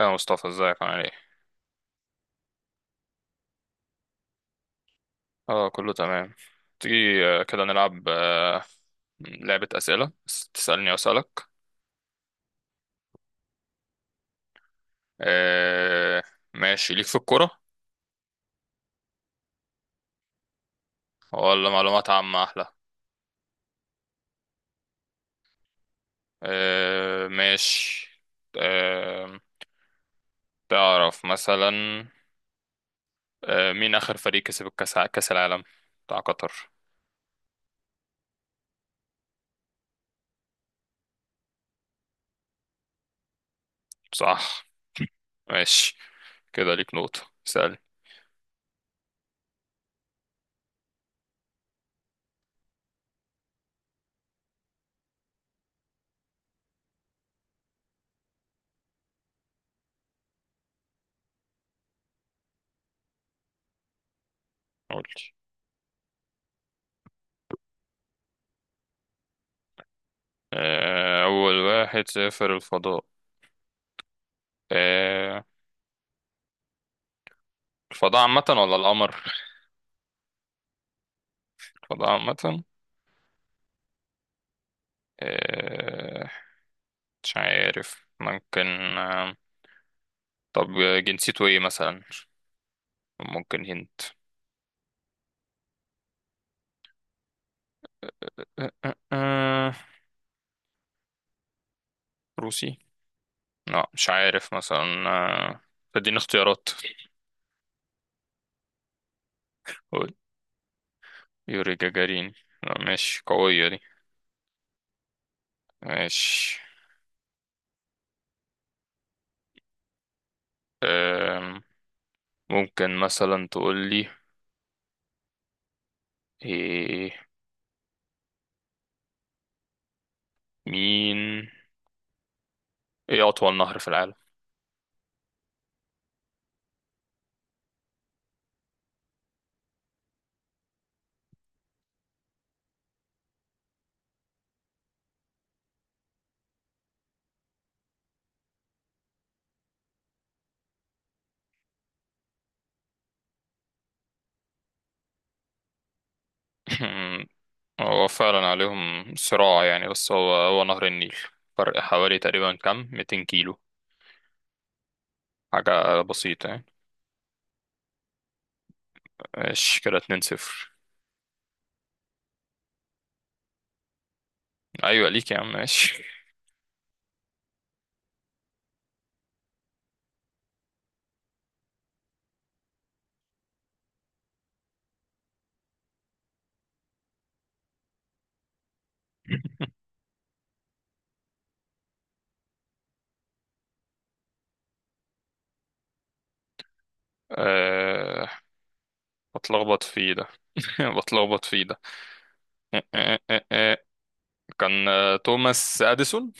يا مصطفى ازيك عامل ايه؟ اه، كله تمام. تيجي كده نلعب لعبة أسئلة بس تسألني وأسألك. آه، ماشي، ليك في الكورة ولا معلومات عامة أحلى؟ ماشي. آه، تعرف مثلا مين آخر فريق كسب الكأس، كأس العالم بتاع قطر؟ صح. ماشي كده، ليك نقطة. اسألني. قولي. أول واحد سافر الفضاء. آه، الفضاء عامة ولا القمر؟ الفضاء عامة. آه، مش عارف، ممكن. آه، طب، جنسيته ايه مثلا؟ ممكن هنت. آه، آه، آه، روسي؟ لا مش عارف مثلا. اديني اختيارات. قول. يوري جاجارين. لا ماشي، قوية دي. ماشي. آم، ممكن مثلا تقول لي، إيه، مين، ايه أطول نهر في العالم؟ هو فعلا عليهم صراع يعني، بس هو نهر النيل. فرق حوالي تقريبا كام؟ 200 كيلو، حاجة بسيطة يعني. ماشي كده، اتنين صفر. أيوة ليك يا عم، ماشي. أه، بتلخبط فيه ده. بتلخبط فيه ده. أه أه أه أه. كان توماس أديسون.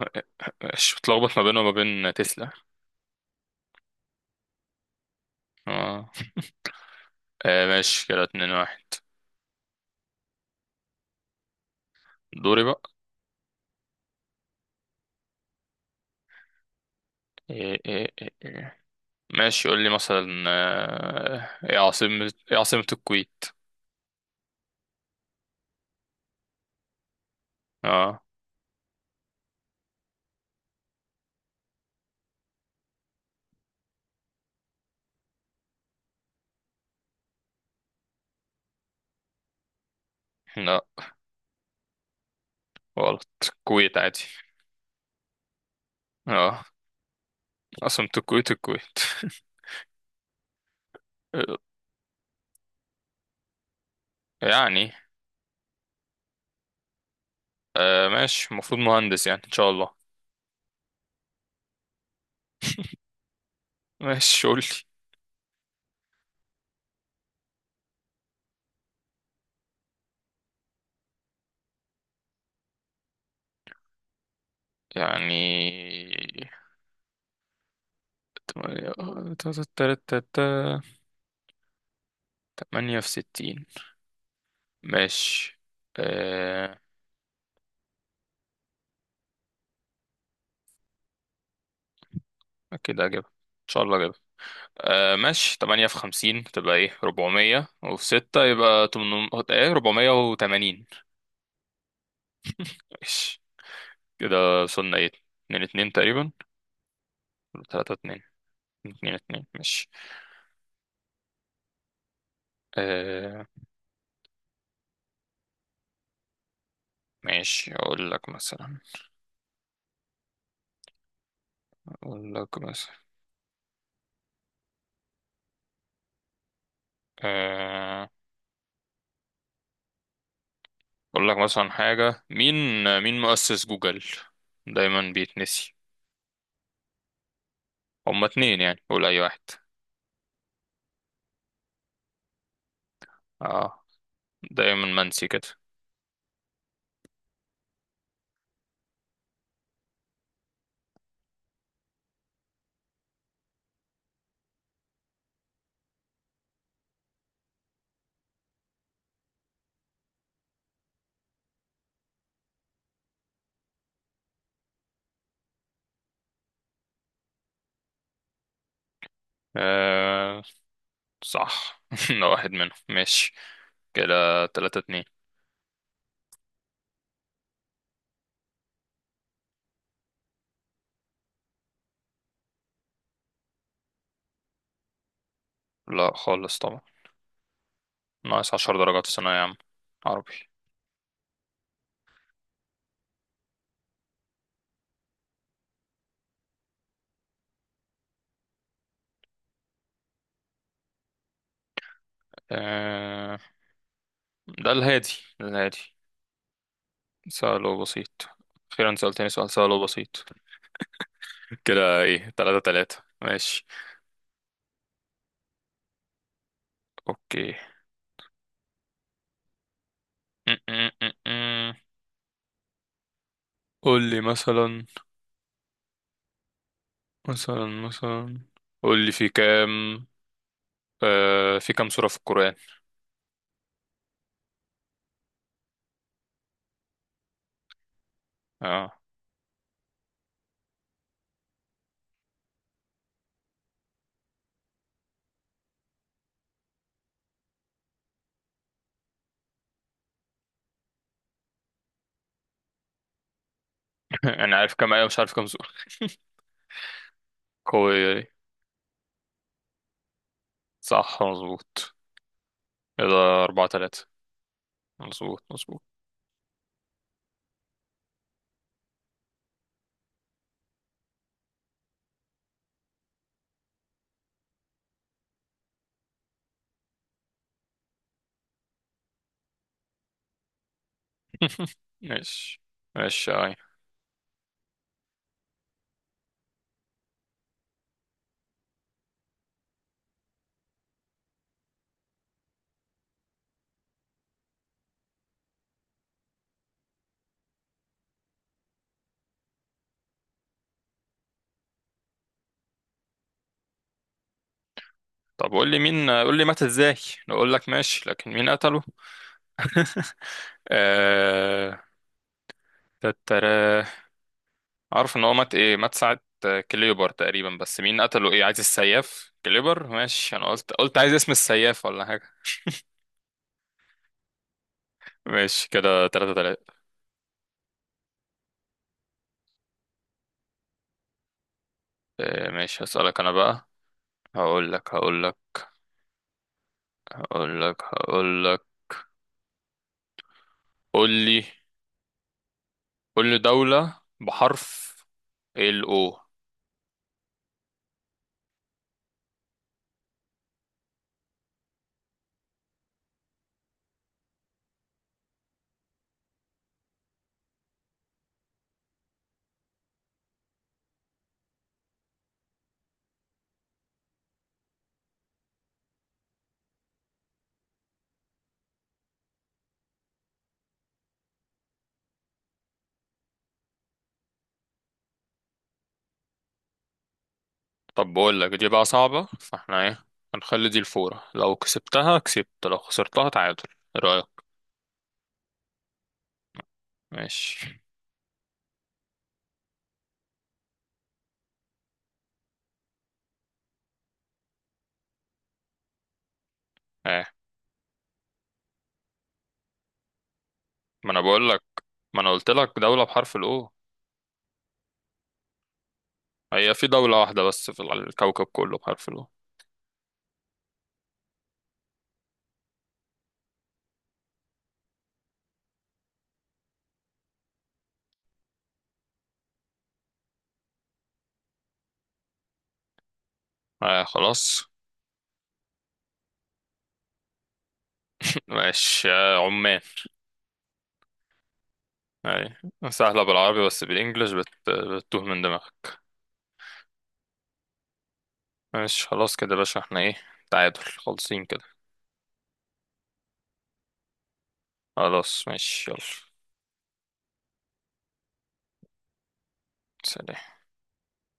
أه أه. أه. ماشي، بتلخبط ما بينه وما بين تسلا. اه. ماشي كده، اتنين واحد. دوري بقى. إيه إيه إيه إيه. ماشي، قول لي مثلا، ايه عاصمة الكويت؟ اه. لا، غلط. الكويت عادي. اه، عاصمة الكويت الكويت. يعني. ماشي، المفروض مهندس يعني ان شاء الله. ماشي، قول لي. يعني تمانية، تا- تا- تا- تا- تا- تمانية في 60. ماشي. آه كده اجيبها ان شاء الله، اجيبها. ماشي، تمانية في 50 تبقى ايه، 400، وفي ستة يبقى تمن ايه، 480. ماشي كده، وصلنا ايه؟ اتنين اتنين تقريبا ولا تلاتة اتنين؟ اتنين اتنين. ماشي. آه ماشي، اقول لك مثلا آه، اقول لك مثلا حاجة، مين مؤسس جوجل؟ دايما بيتنسي. هما اتنين يعني، قول اي واحد. اه، دايما منسي كده. آه صح. ده واحد منهم. ماشي كده، تلاتة اتنين. لا خالص طبعا، ناقص 10 درجات في ثانوية عامة عربي. آه ده الهادي، ده الهادي. سؤال بسيط، أخيرا سألتني سؤال سهل وبسيط. كده ايه، تلاتة تلاتة. ماشي. اوكي. قول لي مثلا، مثلا مثلا قول لي في كام سورة في القرآن؟ اه. انا عارف كام آية مش عارف كام سورة. قوية دي. صح مظبوط. كده، أربعة تلاتة. مظبوط مظبوط. ماشي ماشي، أي. طب قول لي مات ازاي. اقول لك ماشي، لكن مين قتله؟ آه... تتراه. عارف ان هو مات، ايه، مات ساعة كليبر تقريبا، بس مين قتله، ايه، عايز السياف كليبر ماشي؟ انا قلت عايز اسم السياف ولا حاجة. ماشي كده، تلاتة تلاتة. ماشي، هسألك أنا بقى. هقول لك هقول لك هقول لك. قول لي قول لي دولة بحرف ال O. طب بقول لك، دي بقى صعبة، فاحنا ايه، هنخلي دي الفورة، لو كسبتها كسبت، لو خسرتها تعادل. ايه رأيك؟ ماشي. ايه؟ ما انا بقول لك، ما انا قلت لك دولة بحرف ال O. هي في دولة واحدة بس في الكوكب كله بحرف ال O. اه، خلاص. ماشي. عمان. اي. سهلة بالعربي بس بالانجلش بتتوه من دماغك. ماشي خلاص، كده يا باشا، احنا ايه؟ تعادل خالصين كده. خلاص ماشي، يلا، سلام.